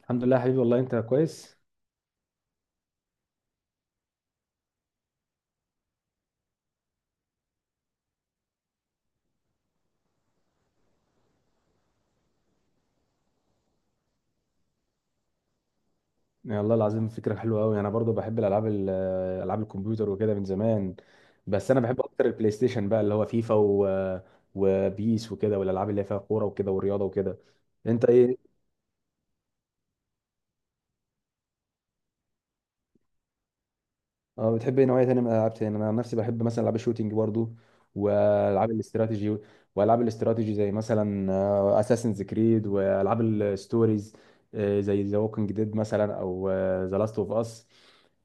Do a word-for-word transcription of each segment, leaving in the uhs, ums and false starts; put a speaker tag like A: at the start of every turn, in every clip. A: الحمد لله يا حبيبي، والله انت كويس. يا الله العظيم، فكرة حلوة قوي. انا برضو بحب الالعاب ال- آه، العاب الكمبيوتر وكده من زمان. بس انا بحب اكتر البلاي ستيشن بقى اللي هو فيفا و... وبيس وكده، والالعاب اللي هي فيها كورة وكده والرياضة وكده. انت ايه؟ اه، بتحب ايه نوعيه تانية من الالعاب تاني؟ انا عن نفسي بحب مثلا العاب الشوتينج برضو والعاب الاستراتيجي. والعاب الاستراتيجي زي مثلا اساسنز كريد والعاب الستوريز، آه، زي ذا ووكينج ديد مثلا او ذا لاست اوف اس.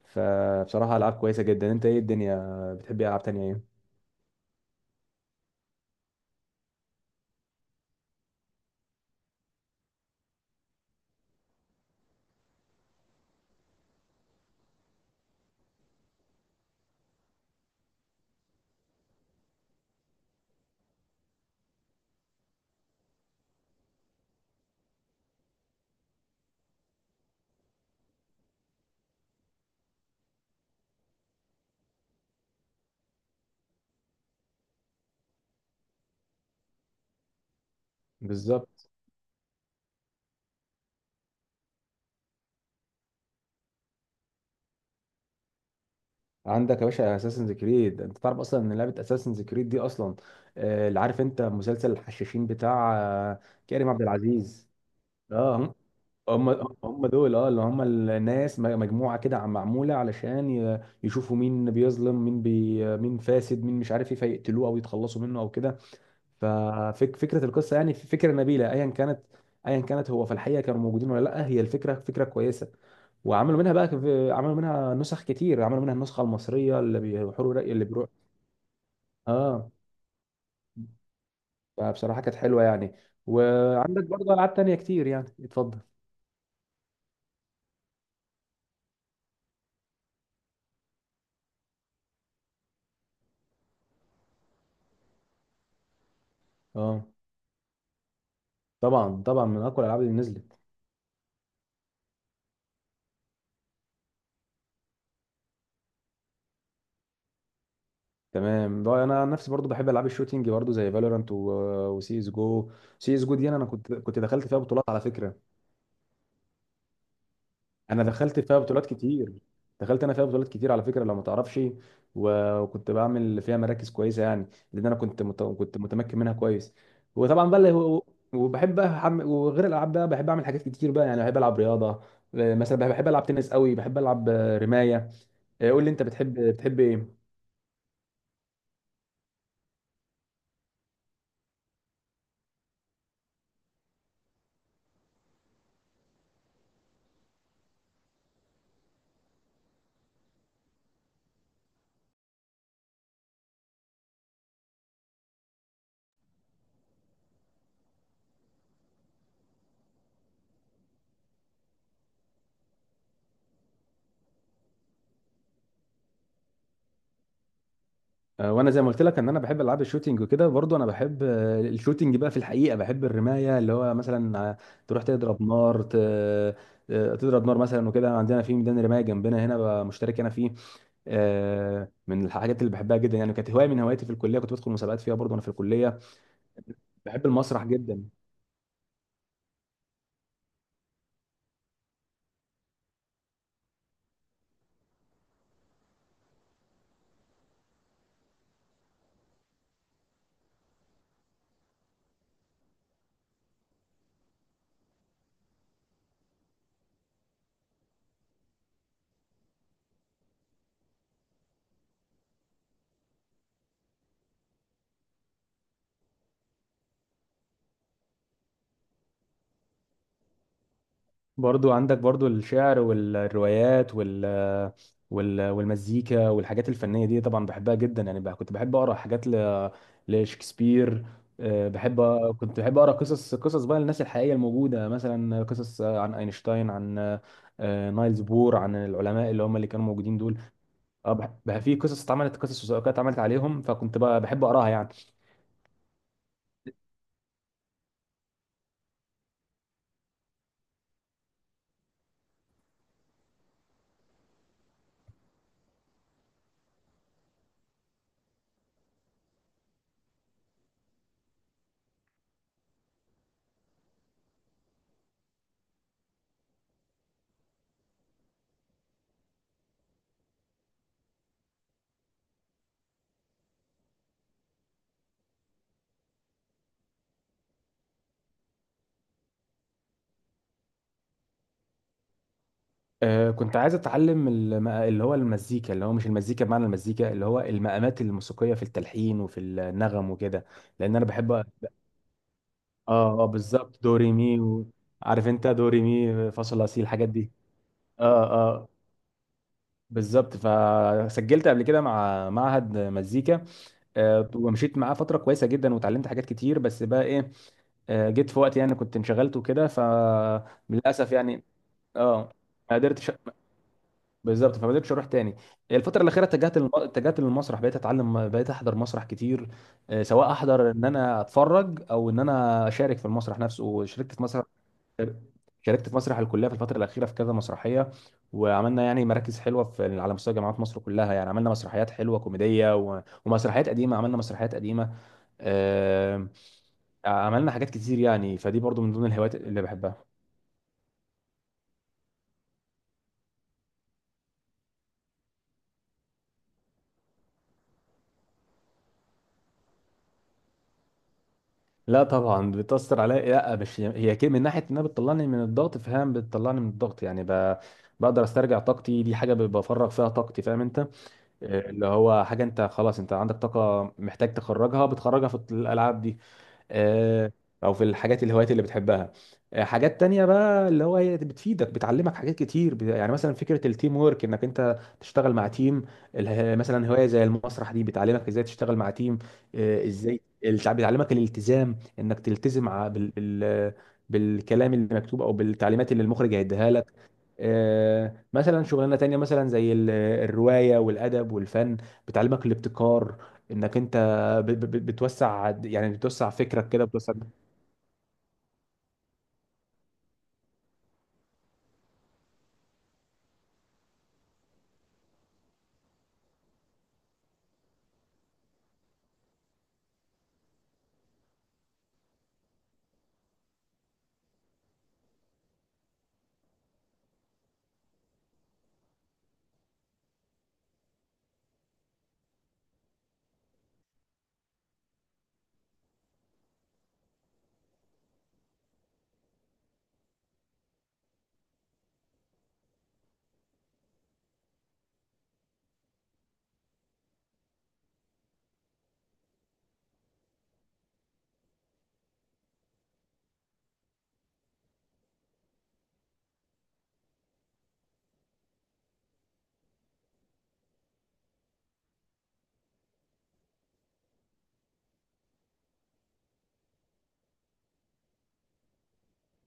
A: فبصراحه العاب كويسه جدا. انت ايه الدنيا، بتحب ايه العاب تانية ايه؟ بالظبط. عندك يا باشا اساسنز كريد. انت تعرف اصلا ان لعبه اساسنز كريد دي اصلا، آه، اللي عارف انت مسلسل الحشاشين بتاع آه، كريم عبد العزيز؟ اه، هم. هم هم دول، اه، اللي هم الناس، م- مجموعه كده عم- معموله علشان ي- يشوفوا مين بيظلم مين، بي مين فاسد مين، مش عارف ايه، فيقتلوه او يتخلصوا منه او كده. ففكره القصه يعني فكره نبيله ايا كانت. ايا كانت هو في الحقيقه كانوا موجودين ولا لا، هي الفكره فكره كويسه. وعملوا منها بقى في- عملوا منها نسخ كتير، عملوا منها النسخه المصريه اللي بيروحوا رأي اللي بيروح. اه، فبصراحه كانت حلوه يعني. وعندك برضه العاب تانيه كتير يعني، اتفضل. اه طبعا، طبعا من اقوى الالعاب اللي نزلت. تمام بقى. انا عن نفسي برضو بحب العاب الشوتينج برضو زي فالورانت وسي اس جو. سي اس جو دي انا أنا كنت كنت دخلت فيها بطولات على فكره. انا دخلت فيها بطولات كتير. دخلت انا فيها بطولات كتير على فكره لو ما تعرفش. و- وكنت بعمل فيها مراكز كويسه يعني، لان انا كنت مت... كنت متمكن منها كويس. وطبعا بقى اللي هو، وبحب بقى حم... وغير الالعاب بقى بحب اعمل حاجات كتير بقى، يعني بحب العب رياضه. آه، مثلا بحب بحب العب تنس قوي، بحب العب آه، رمايه. آه، قول لي انت، بتحب بتحب ايه؟ آه، وانا زي ما قلت لك ان انا بحب العاب الشوتينج وكده. برضو انا بحب آه، الشوتينج بقى. في الحقيقه بحب الرمايه، اللي هو مثلا آه، تروح تضرب نار ت- آه، تضرب نار مثلا وكده. عندنا في ميدان رمايه جنبنا هنا بقى، مشترك انا فيه. آه، من الحاجات اللي بحبها جدا يعني، كانت هوايه من هواياتي في الكليه، كنت بدخل مسابقات فيها برضو وانا في الكليه. بحب المسرح جدا. برضو عندك برضو الشعر والروايات وال وال والمزيكا والحاجات الفنية دي، طبعا بحبها جدا يعني. بقى كنت بحب أقرأ حاجات ل... لشكسبير. آه، بحب، أ- كنت بحب أقرأ قصص، قصص بقى الناس الحقيقية الموجودة، مثلا قصص آه، عن أينشتاين، عن آه، نايلز بور، عن العلماء اللي هم اللي كانوا موجودين دول. آه، بح- بح- في قصص اتعملت، قصص وثائقية اتعملت عليهم، فكنت بقى بحب أقرأها يعني. آه، كنت عايز اتعلم الم- اللي هو المزيكا، اللي هو مش المزيكا بمعنى المزيكا، اللي هو المقامات الموسيقيه في التلحين وفي النغم وكده. لان انا بحب، اه اه، بالظبط، دوري مي و... عارف انت دوري مي فا صول لا سي، الحاجات دي. اه اه بالظبط. فسجلت قبل كده مع معهد مزيكا، آه، ومشيت معاه فتره كويسه جدا وتعلمت حاجات كتير. بس بقى ايه، آه، جيت في وقت يعني كنت انشغلت وكده، فللاسف يعني. اه، ما قدرتش. بالظبط، فما قدرتش اروح تاني. الفتره الاخيره اتجهت للم... اتجهت للمسرح، بقيت اتعلم، بقيت احضر مسرح كتير. آه، سواء احضر ان انا اتفرج، او ان انا اشارك في المسرح نفسه. وشاركت في مسرح، شاركت في مسرح الكليه في الفتره الاخيره في كذا مسرحيه، وعملنا يعني مراكز حلوه في على مستوى جامعات مصر كلها يعني. عملنا مسرحيات حلوه كوميديه و... ومسرحيات قديمه، عملنا مسرحيات قديمه، آه، عملنا حاجات كتير يعني. فدي برضو من ضمن الهوايات اللي بحبها. لا طبعا بتأثر عليا. لا مش هي كده، من ناحية انها بتطلعني من الضغط، فاهم، بتطلعني من الضغط يعني، ب... بقدر استرجع طاقتي. دي حاجة ب- بفرغ فيها طاقتي، فاهم انت؟ إيه اللي هو حاجة انت خلاص، انت عندك طاقة محتاج تخرجها، بتخرجها في الت- الألعاب دي، آه، او في الحاجات، الهوايات اللي بتحبها. آه، حاجات تانية بقى اللي هو هي بتفيدك، بتعلمك حاجات كتير، بت- يعني مثلا فكرة التيم وورك، انك انت تشتغل مع تيم. اله- مثلا هواية زي المسرح دي، بتعلمك ازاي تشتغل مع تيم. آه، ازاي التع- بتعلمك الالتزام، انك تلتزم ع- بال... بال... بالكلام اللي مكتوب او بالتعليمات اللي المخرج هيديها لك. آه، مثلا شغلانة تانية مثلا زي ال- الرواية والأدب والفن، بتعلمك الابتكار، انك انت ب- ب- بتوسع، يعني بتوسع فكرك كده، بتوسع.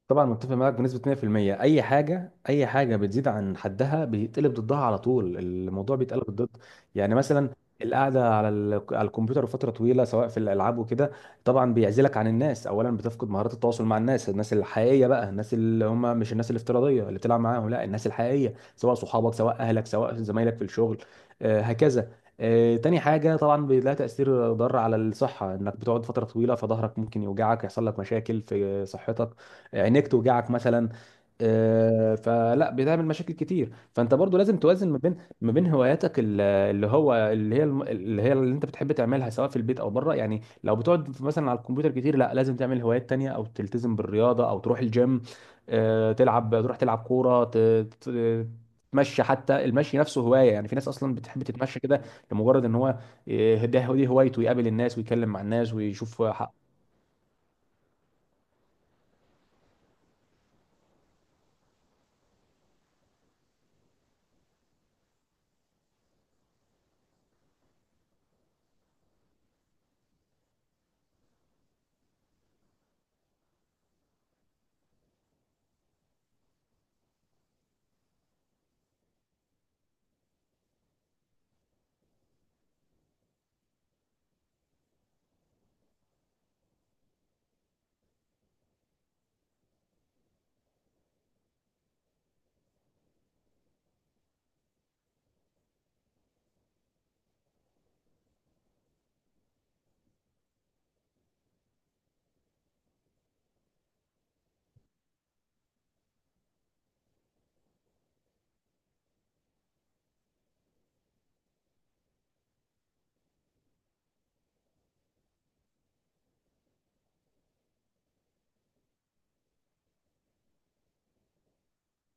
A: طبعا متفق معاك بنسبة مية في المية. أي حاجة، أي حاجة بتزيد عن حدها بيتقلب ضدها، على طول الموضوع بيتقلب ضد. يعني مثلا القعدة على ال- على الكمبيوتر لفترة طويلة سواء في الألعاب وكده، طبعا بيعزلك عن الناس أولا، بتفقد مهارات التواصل مع الناس، الناس الحقيقية بقى، الناس اللي هم مش الناس الافتراضية اللي بتلعب معاهم، لا، الناس الحقيقية سواء صحابك، سواء أهلك، سواء زمايلك في الشغل، آه، هكذا. آه، تاني حاجة طبعا بيلاقي تأثير ضار على الصحة، إنك بتقعد فترة طويلة، فظهرك ممكن يوجعك، يحصل لك مشاكل في صحتك، عينيك توجعك مثلا. آه، فلا، بتعمل مشاكل كتير. فانت برضو لازم توازن ما بين، ما بين هواياتك ال- اللي هو اللي هي الم- اللي هي اللي انت بتحب تعملها، سواء في البيت او بره. يعني لو بتقعد في- مثلا على الكمبيوتر كتير، لا لازم تعمل هوايات تانية، او تلتزم بالرياضة، او تروح الجيم، آه، تلعب، تروح تلعب كورة، ت- ت- تتمشى. حتى المشي نفسه هواية يعني، في ناس اصلا بتحب تتمشى كده، لمجرد ان هو، آه، ده دي هوايته، يقابل الناس ويتكلم مع الناس ويشوف.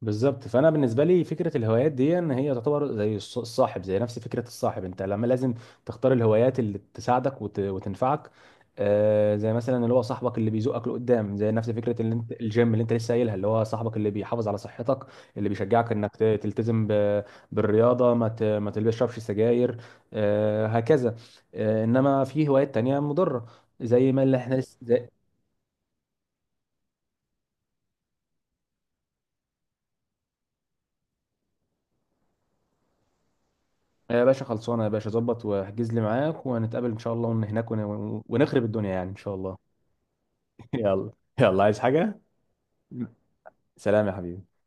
A: بالظبط. فانا بالنسبه لي فكره الهوايات دي ان هي تعتبر زي الص- الصاحب، زي نفس فكره الصاحب. انت لما لازم تختار الهوايات اللي تساعدك وت... وتنفعك، آه، زي مثلا اللي هو صاحبك اللي بيزقك لقدام، زي نفس فكره اللي انت الجيم اللي انت لسه قايلها، اللي هو صاحبك اللي بيحافظ على صحتك، اللي بيشجعك انك ت- تلتزم ب... بالرياضه، ما ت... ما تشربش سجاير. آه هكذا. آه، انما في هوايات تانية مضره. زي ما اللي احنا لسه. يا باشا خلصانه يا باشا، ظبط واحجز لي معاك وهنتقابل ان شاء الله، ون- هناك ون- ونخرب الدنيا يعني ان شاء الله. يلا. يلا، عايز حاجه؟ سلام يا حبيبي.